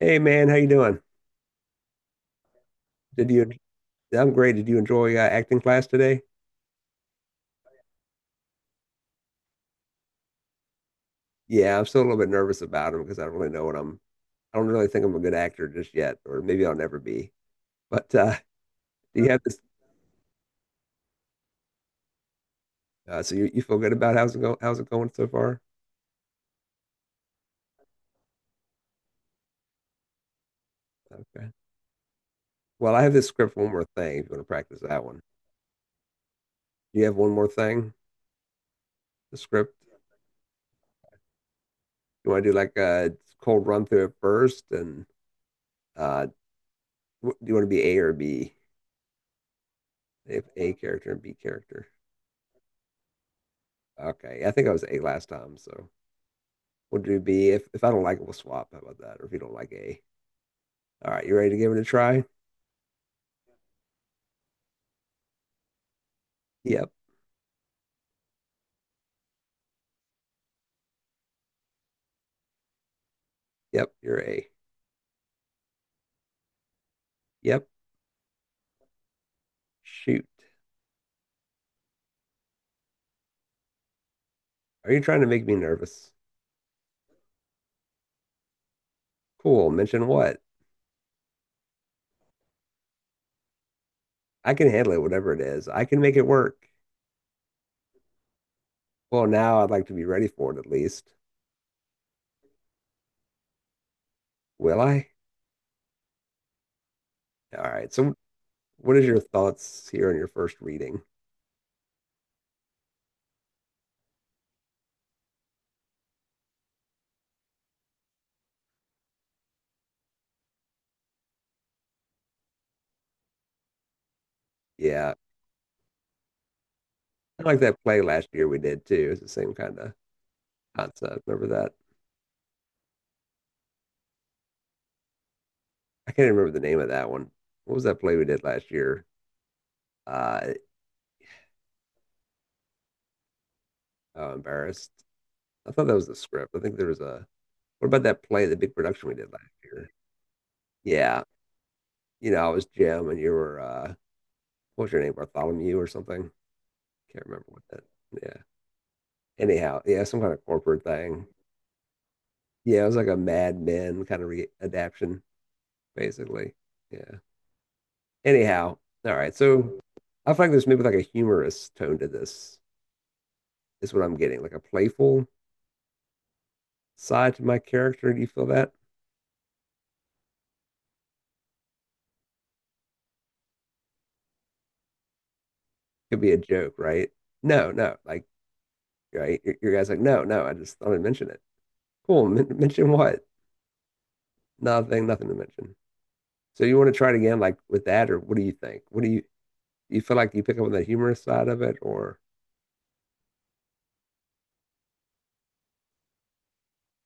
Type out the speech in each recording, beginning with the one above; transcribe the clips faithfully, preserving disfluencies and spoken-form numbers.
Hey man, how you doing? Did you? I'm great. Did you enjoy uh, acting class today? Yeah, I'm still a little bit nervous about him because I don't really know what I'm. I don't really think I'm a good actor just yet, or maybe I'll never be. But uh, do you have this? Uh, so you, you feel good about how's it going? How's it going so far? Okay. Well, I have this script. One more thing. If you want to practice that one, do you have one more thing? The script. You want to do like a cold run through it first, and uh, wh- do you want to be A or B? If A character and B character. Okay. I think I was A last time, so. We'll do B. If if I don't like it, we'll swap. How about that? Or if you don't like A. All right, you ready to give it a try? Yep. Yep, you're A. Yep. Shoot. Are you trying to make me nervous? Cool. Mention what? I can handle it, whatever it is. I can make it work. Well, now I'd like to be ready for it at least. Will I? All right. So what is your thoughts here on your first reading? Yeah. I like that play last year we did too. It's the same kind of concept. Remember that? I can't remember the name of that one. What was that play we did last year? Uh, oh, embarrassed. I thought that was the script. I think there was a. What about that play, the big production we did last year? Yeah, you know, I was Jim, and you were uh, what was your name, Bartholomew or something? Can't remember what that. Yeah. Anyhow, yeah, some kind of corporate thing. Yeah, it was like a Mad Men kind of readaptation, basically. Yeah. Anyhow, all right. So I feel like there's maybe like a humorous tone to this. Is what I'm getting, like a playful side to my character. Do you feel that? Could be a joke, right? No, no. Like right? Your, your guy's like, no, no, I just thought I'd mention it. Cool. Men mention what? Nothing, nothing to mention. So you want to try it again, like with that, or what do you think? What do you you feel like you pick up on the humorous side of it, or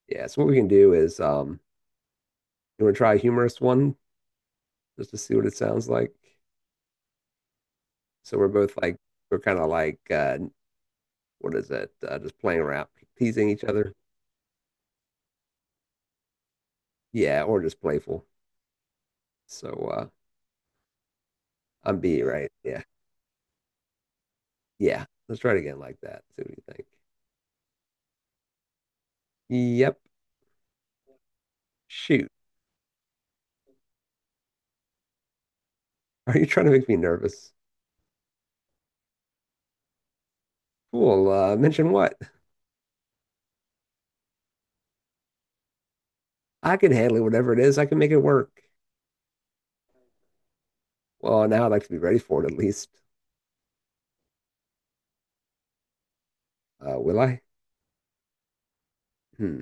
yeah? So what we can do is, um, you want to try a humorous one just to see what it sounds like. So we're both like we're kind of like uh, what is it? Uh, just playing around, teasing each other. Yeah, or just playful. So uh, I'm B, right? Yeah, yeah. Let's try it again like that. See what you think. Yep. Shoot. Are you trying to make me nervous? Cool. Uh, mention what? I can handle it, whatever it is. I can make it work. Well, now I'd like to be ready for it at least. Uh, will I? Hmm.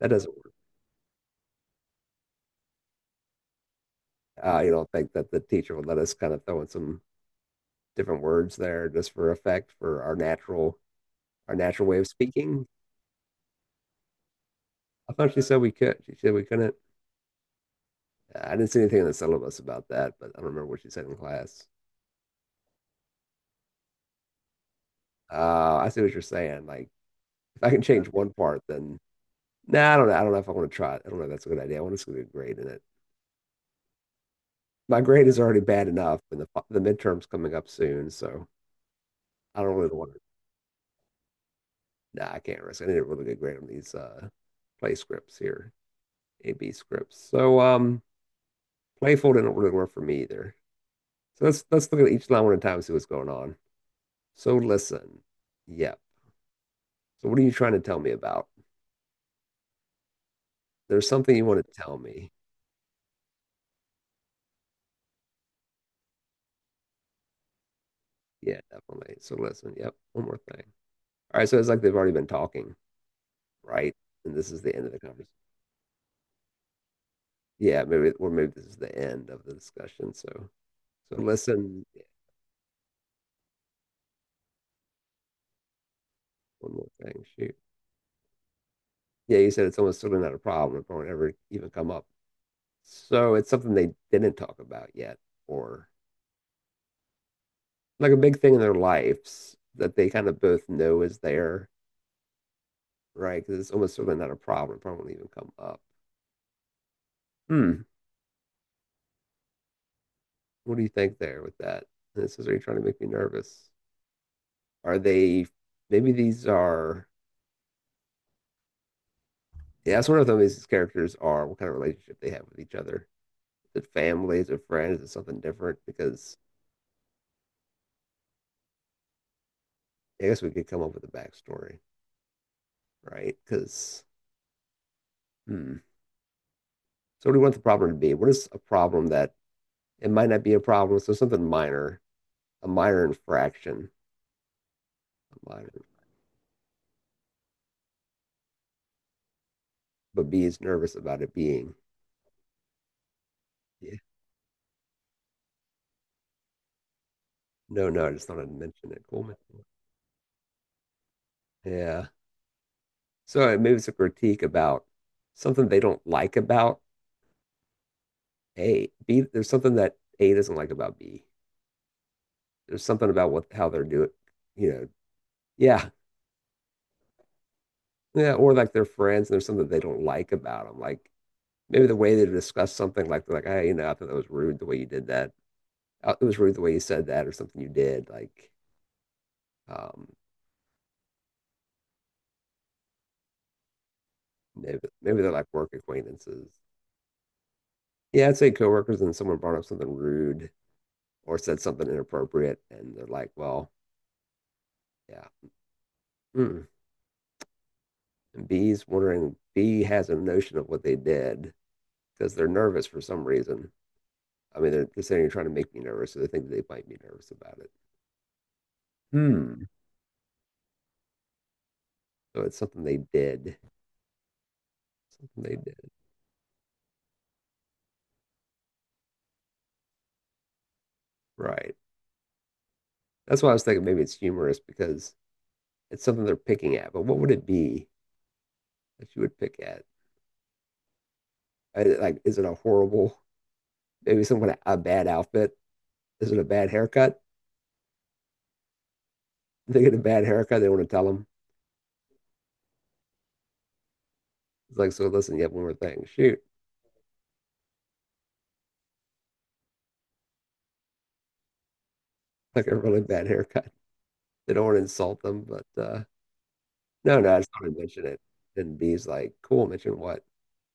That doesn't work. Uh, you don't think that the teacher would let us kind of throw in some different words there just for effect for our natural our natural way of speaking? I thought she said we could. She said we couldn't. Uh, I didn't see anything in the syllabus about that, but I don't remember what she said in class. Uh, I see what you're saying. Like, if I can change one part, then nah, I don't know. I don't know if I want to try it. I don't know if that's a good idea. I want to just get a grade in it. My grade is already bad enough, and the the midterm's coming up soon, so I don't really want to. Nah, I can't risk. I need a really good grade on these uh play scripts here, A B scripts. So um, playful didn't really work for me either. So let's let's look at each line one at a time and see what's going on. So listen, yeah. So what are you trying to tell me about? There's something you want to tell me. Yeah, definitely. So listen, yep. One more thing. All right. So it's like they've already been talking, right? And this is the end of the conversation. Yeah, maybe or maybe this is the end of the discussion. So so listen, yeah, one more thing. Shoot. Yeah, you said it's almost certainly not a problem. It won't ever even come up. So it's something they didn't talk about yet, or like a big thing in their lives that they kind of both know is there, right? Because it's almost certainly not a problem. It probably won't even come up. Hmm. What do you think there with that? And it says, are you trying to make me nervous? Are they, maybe these are, yeah, that's one of them. These characters are what kind of relationship they have with each other. Is it family? Is it friends? Is it something different? Because I guess we could come up with a backstory, right? Because, hmm. So what do we want the problem to be? What is a problem that it might not be a problem? So something minor, a minor infraction, a minor, but B is nervous about it being. Yeah. No, no, I just thought I'd mention it. Cool. Yeah. So uh, maybe it's a critique about something they don't like about A. B, there's something that A doesn't like about B. There's something about what how they're doing, you know. Yeah. Yeah. Or like their friends, and there's something they don't like about them. Like, maybe the way they discuss something like like hey you know I thought that was rude the way you did that. Uh, it was rude the way you said that or something you did like um maybe maybe they're like work acquaintances. Yeah, I'd say coworkers and someone brought up something rude or said something inappropriate and they're like well, yeah. Mm. And B's wondering B has a notion of what they did because they're nervous for some reason. I mean they're, they're trying to make me nervous so they think they might be nervous about it. Hmm. So it's something they did, something they did, right? That's why I was thinking maybe it's humorous because it's something they're picking at. But what would it be that you would pick at? I, like, is it a horrible, maybe someone a bad outfit? Is it a bad haircut? They get a bad haircut, they want to tell them. It's like, so listen, you have one more thing. Shoot, like a really bad haircut. They don't want to insult them, but uh, no, no, I just want to mention it. And B's like, cool, mention what?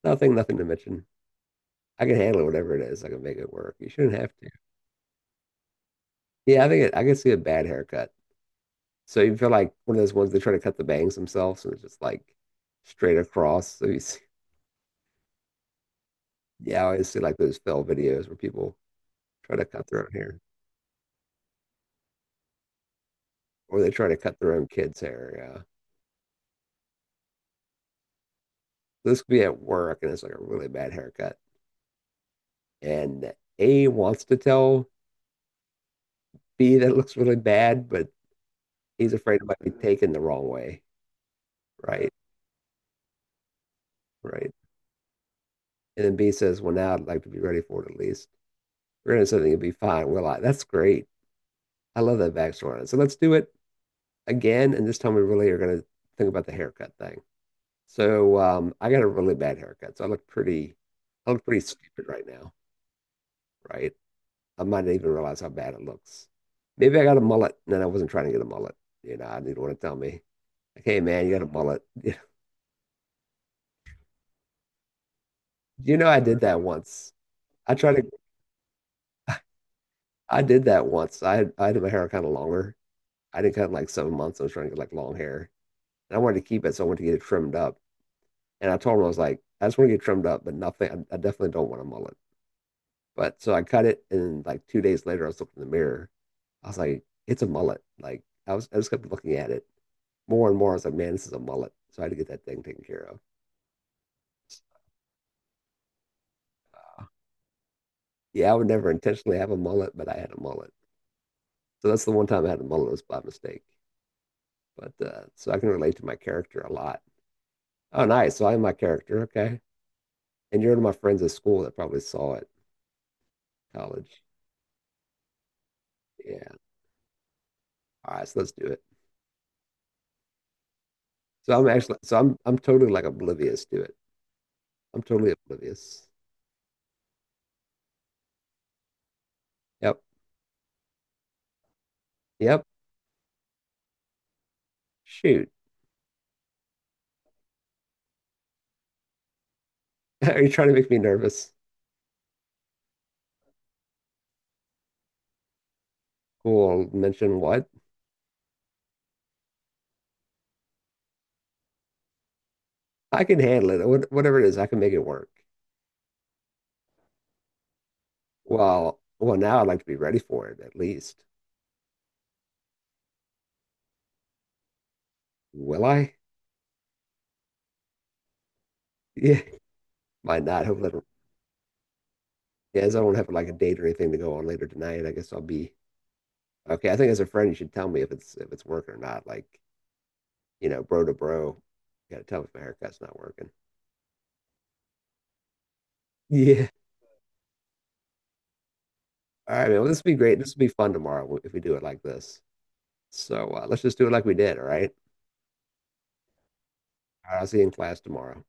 Nothing, nothing to mention. I can handle whatever it is. I can make it work. You shouldn't have to. Yeah, I think it, I can see a bad haircut. So you feel like one of those ones they try to cut the bangs themselves and it's just like straight across. So you see, yeah, I always see like those fail videos where people try to cut their own hair or they try to cut their own kids' hair. Yeah. This could be at work and it's like a really bad haircut. And A wants to tell B that it looks really bad, but he's afraid it might be taken the wrong way. Right. Right. And then B says, well, now I'd like to be ready for it at least. We're gonna do something, it'll be fine. We're like, that's great. I love that backstory on it. So let's do it again, and this time we really are going to think about the haircut thing. So um, I got a really bad haircut, so I look pretty, I look pretty stupid right now, right? I might not even realize how bad it looks. Maybe I got a mullet, and then I wasn't trying to get a mullet. You know, I didn't want to tell me, like, hey man, you got a mullet. You know, I did that once. I tried to, I did that once. I had, I had my hair kind of longer. I did cut in like seven months. I was trying to get like long hair, and I wanted to keep it, so I wanted to get it trimmed up. And I told him I was like, I just want to get trimmed up, but nothing. I, I definitely don't want a mullet. But so I cut it, and like two days later, I was looking in the mirror. I was like, it's a mullet. Like I was, I just kept looking at it more and more. I was like, man, this is a mullet. So I had to get that thing taken care of. Yeah, I would never intentionally have a mullet, but I had a mullet. So that's the one time I had a mullet was by mistake. But uh, so I can relate to my character a lot. Oh, nice. So I'm my character. Okay. And you're one of my friends at school that probably saw it in college. Yeah. All right. So let's do it. So I'm actually, so I'm, I'm totally like oblivious to it. I'm totally oblivious. Yep. Yep. Shoot. Are you trying to make me nervous? Cool. Mention what? I can handle it. What, whatever it is, I can make it work. Well, well, now I'd like to be ready for it at least. Will I? Yeah, might not. Hopefully, I don't. Yeah, as I don't have like a date or anything to go on later tonight, I guess I'll be okay. I think as a friend, you should tell me if it's if it's working or not. Like, you know, bro to bro, you gotta tell me if my haircut's not working. Yeah. All right, man. Well, this will be great. This will be fun tomorrow if we do it like this. So uh, let's just do it like we did. All right. All right. I'll see you in class tomorrow.